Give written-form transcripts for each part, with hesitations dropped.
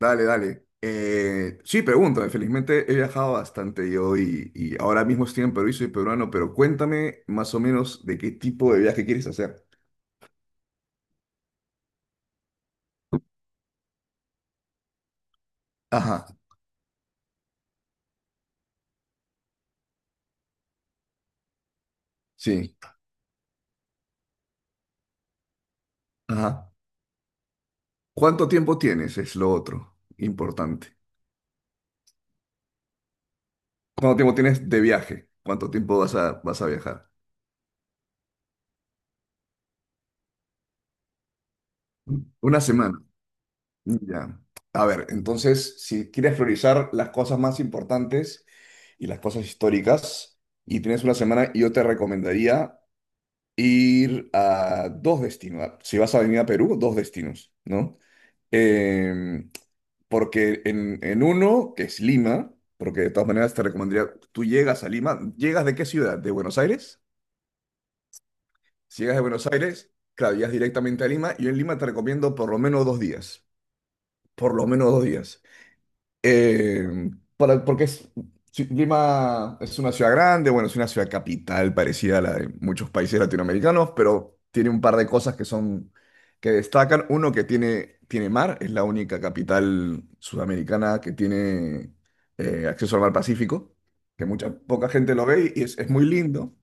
Dale, dale. Sí, pregúntame. Felizmente he viajado bastante yo y ahora mismo estoy en Perú y soy peruano, pero cuéntame más o menos de qué tipo de viaje quieres hacer. Ajá, sí, ajá. ¿Cuánto tiempo tienes? Es lo otro importante. ¿Cuánto tiempo tienes de viaje? ¿Cuánto tiempo vas a viajar? Una semana. Ya. A ver, entonces, si quieres priorizar las cosas más importantes y las cosas históricas, y tienes una semana, yo te recomendaría ir a dos destinos. Si vas a venir a Perú, dos destinos, ¿no? Em, Porque en uno, que es Lima, porque de todas maneras te recomendaría, tú llegas a Lima, ¿llegas de qué ciudad? ¿De Buenos Aires? Si llegas de Buenos Aires, claro, llegas directamente a Lima. Yo en Lima te recomiendo por lo menos dos días, por lo menos dos días. Eh, Porque es, sí, Lima es una ciudad grande, bueno, es una ciudad capital parecida a la de muchos países latinoamericanos, pero tiene un par de cosas que son, que destacan. Uno que tiene mar, es la única capital sudamericana que tiene acceso al mar Pacífico, que mucha, poca gente lo ve y es muy lindo.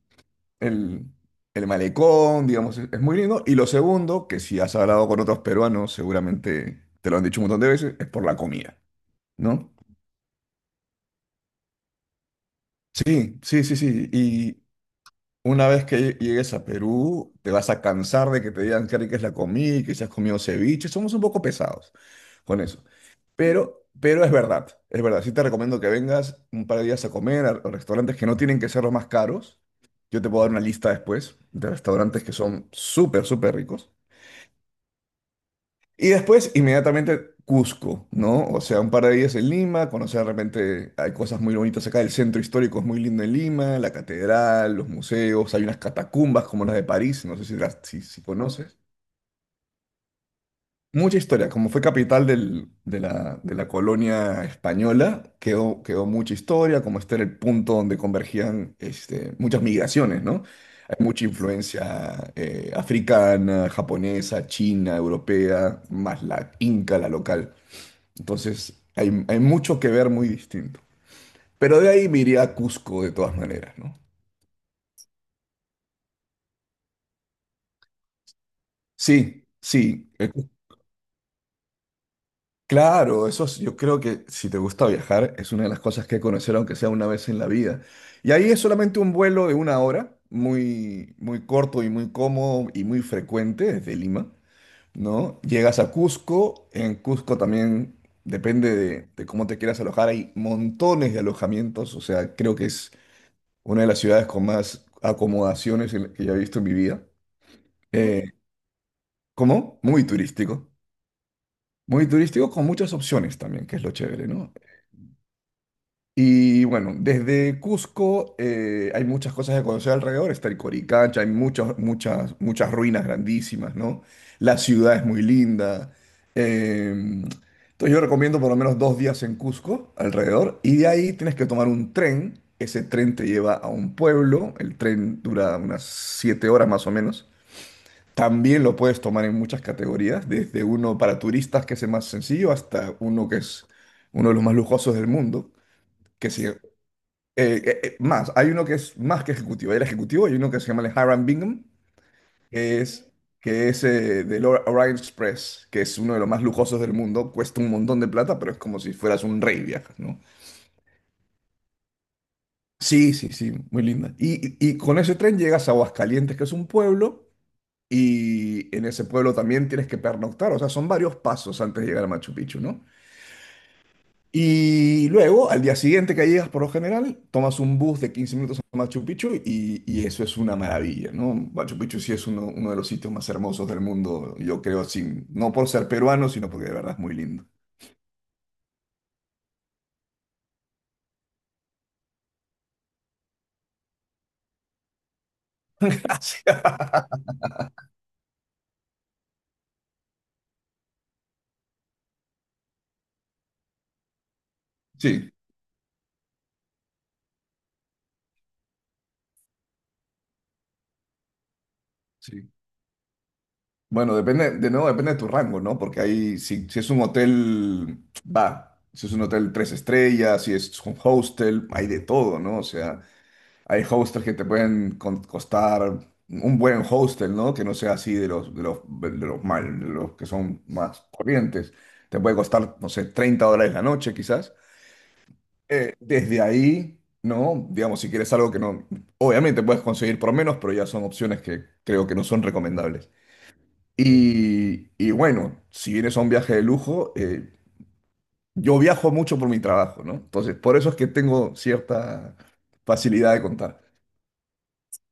El, el malecón, digamos, es muy lindo. Y lo segundo, que si has hablado con otros peruanos, seguramente te lo han dicho un montón de veces, es por la comida, ¿no? Sí, sí, sí, sí. Y una vez que llegues a Perú, te vas a cansar de que te digan qué rica es la comida, y que si has comido ceviche. Somos un poco pesados con eso. Pero es verdad, es verdad. Sí te recomiendo que vengas un par de días a comer a restaurantes que no tienen que ser los más caros. Yo te puedo dar una lista después de restaurantes que son súper, súper ricos. Y después, inmediatamente, Cusco, ¿no? O sea, un par de días en Lima, conocer de repente, hay cosas muy bonitas acá, el centro histórico es muy lindo en Lima, la catedral, los museos, hay unas catacumbas como las de París, no sé si, las, si, si conoces. Mucha historia, como fue capital de la colonia española, quedó mucha historia, como este era el punto donde convergían este, muchas migraciones, ¿no? Hay mucha influencia africana, japonesa, china, europea, más la inca, la local. Entonces, hay mucho que ver muy distinto. Pero de ahí me iría a Cusco de todas maneras, ¿no? Sí, sí, claro, yo creo que si te gusta viajar es una de las cosas que hay que conocer aunque sea una vez en la vida. Y ahí es solamente un vuelo de 1 hora, muy, muy corto y muy cómodo y muy frecuente desde Lima, ¿no? Llegas a Cusco, en Cusco también depende de cómo te quieras alojar, hay montones de alojamientos, o sea, creo que es una de las ciudades con más acomodaciones en que ya he visto en mi vida. Eh, ¿Cómo? Muy turístico. Muy turístico con muchas opciones también, que es lo chévere, ¿no? Y bueno, desde Cusco hay muchas cosas que conocer alrededor. Está el Coricancha, hay muchas, muchas, muchas ruinas grandísimas, ¿no? La ciudad es muy linda. Entonces yo recomiendo por lo menos dos días en Cusco alrededor. Y de ahí tienes que tomar un tren. Ese tren te lleva a un pueblo. El tren dura unas siete horas más o menos. También lo puedes tomar en muchas categorías, desde uno para turistas, que es el más sencillo, hasta uno que es uno de los más lujosos del mundo, que si más, hay uno que es más que ejecutivo, el ejecutivo, hay uno que se llama el Hiram Bingham, que es, que es del Orient Express, que es uno de los más lujosos del mundo, cuesta un montón de plata, pero es como si fueras un rey viajas, ¿no? Sí, sí, sí, muy linda. Y con ese tren llegas a Aguascalientes, que es un pueblo, y en ese pueblo también tienes que pernoctar, o sea, son varios pasos antes de llegar a Machu Picchu, ¿no? Y luego, al día siguiente que llegas, por lo general, tomas un bus de 15 minutos a Machu Picchu y eso es una maravilla, ¿no? Machu Picchu sí es uno de los sitios más hermosos del mundo, yo creo, sin, no por ser peruano, sino porque de verdad es muy lindo. Gracias. Sí, sí. Bueno, depende, de nuevo depende de tu rango, ¿no? Porque ahí, si es un hotel, va, si es un hotel tres estrellas, si es un hostel, hay de todo, ¿no? O sea, hay hostels que te pueden costar un buen hostel, ¿no? Que no sea así de los que son más corrientes. Te puede costar, no sé, $30 la noche, quizás. Desde ahí, ¿no? Digamos, si quieres algo que no. Obviamente puedes conseguir por menos, pero ya son opciones que creo que no son recomendables. Y bueno, si vienes a un viaje de lujo, yo viajo mucho por mi trabajo, ¿no? Entonces, por eso es que tengo cierta facilidad de contar.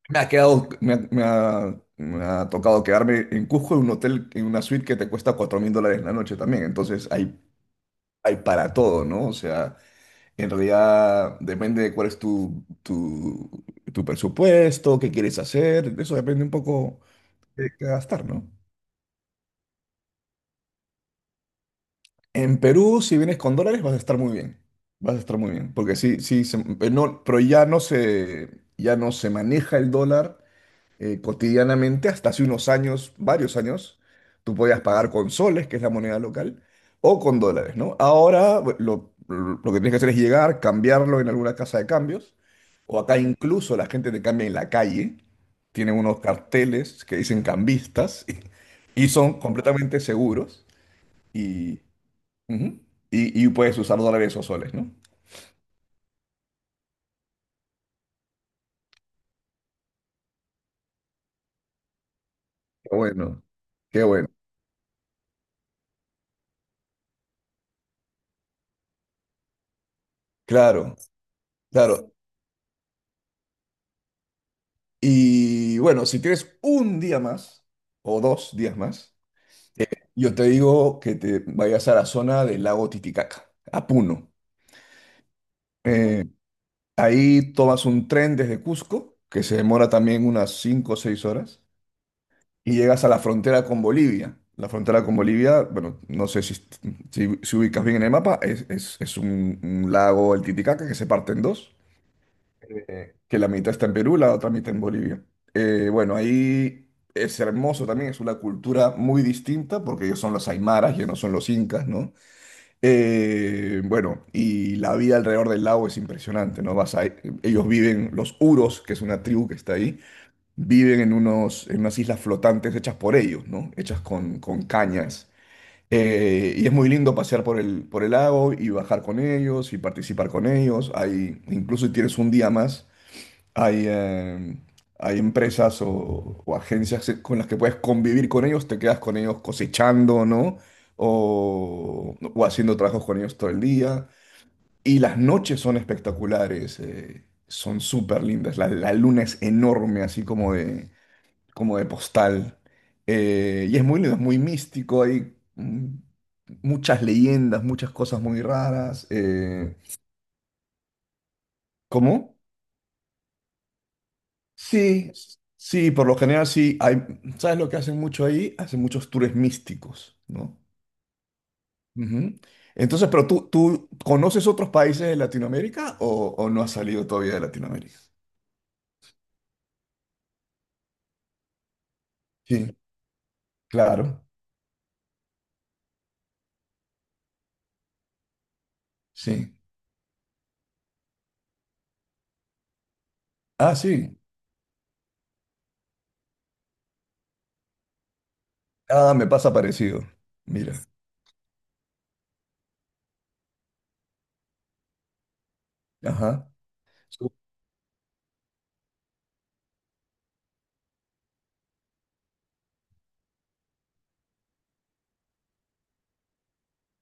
Me ha quedado, me ha, me ha- Me ha tocado quedarme en Cusco en un hotel, en una suite que te cuesta $4,000 la noche también. Entonces hay para todo, ¿no? O sea, en realidad depende de cuál es tu presupuesto, qué quieres hacer. Eso depende un poco de qué gastar, ¿no? En Perú, si vienes con dólares, vas a estar muy bien. Vas a estar muy bien. Porque sí, sí, no, pero ya no se maneja el dólar cotidianamente, hasta hace unos años, varios años, tú podías pagar con soles, que es la moneda local, o con dólares, ¿no? Ahora lo que tienes que hacer es llegar, cambiarlo en alguna casa de cambios, o acá incluso la gente te cambia en la calle, tienen unos carteles que dicen cambistas y, son completamente seguros y, ujú, y puedes usar dólares o soles, ¿no? Qué bueno, qué bueno. Claro, claro. Y bueno, si tienes un día más o dos días más, eh, yo te digo que te vayas a la zona del lago Titicaca, a Puno. Eh, Ahí tomas un tren desde Cusco, que se demora también unas 5 o 6 horas, y llegas a la frontera con Bolivia. La frontera con Bolivia, bueno, no sé si ubicas bien en el mapa, es un lago, el Titicaca, que se parte en dos. Que la mitad está en Perú, la otra mitad en Bolivia. Bueno, ahí es hermoso también, es una cultura muy distinta porque ellos son los aymaras, ellos no son los incas, ¿no? Bueno, y la vida alrededor del lago es impresionante, ¿no? Ellos viven, los Uros, que es una tribu que está ahí, viven en unas islas flotantes hechas por ellos, ¿no? Hechas con cañas. Y es muy lindo pasear por el lago y bajar con ellos y participar con ellos. Ahí, incluso si tienes un día más. Hay, eh, Hay empresas o agencias con las que puedes convivir con ellos, te quedas con ellos cosechando, ¿no? O haciendo trabajos con ellos todo el día. Y las noches son espectaculares, son súper lindas. La luna es enorme, así como de postal. Y es muy lindo, es muy místico, hay muchas leyendas, muchas cosas muy raras. ¿Cómo? Sí, sí, por lo general sí. Hay, ¿sabes lo que hacen mucho ahí? Hacen muchos tours místicos, ¿no? Ujú. Entonces, pero tú, ¿tú conoces otros países de Latinoamérica o no has salido todavía de Latinoamérica? Sí, claro, sí. Ah, sí. Ah, me pasa parecido. Mira, ajá. Su-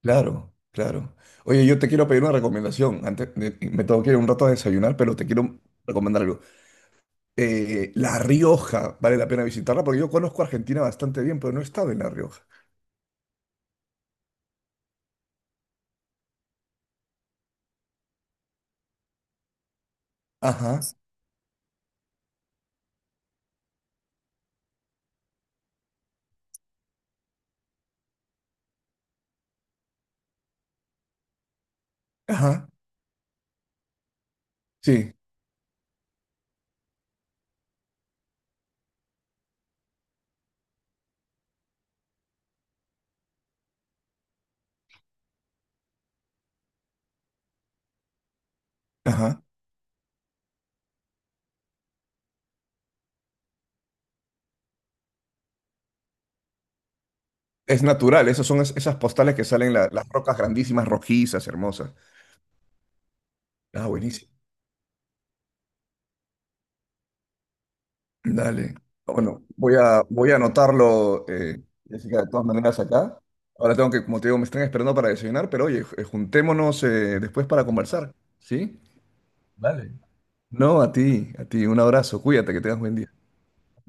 Claro, claro. Oye, yo te quiero pedir una recomendación. Me tengo que ir un rato a desayunar, pero te quiero recomendar algo. La Rioja, vale la pena visitarla porque yo conozco Argentina bastante bien, pero no he estado en La Rioja. Ajá, ajá, sí, ajá. Es natural, esas son esas postales que salen las rocas grandísimas, rojizas, hermosas. Ah, buenísimo. Dale. Bueno, voy a anotarlo, Jessica, de todas maneras acá. Ahora tengo que, como te digo, me están esperando para desayunar, pero oye, juntémonos después para conversar. ¿Sí? No, a ti, a ti. Un abrazo. Cuídate, que tengas buen día. Bye.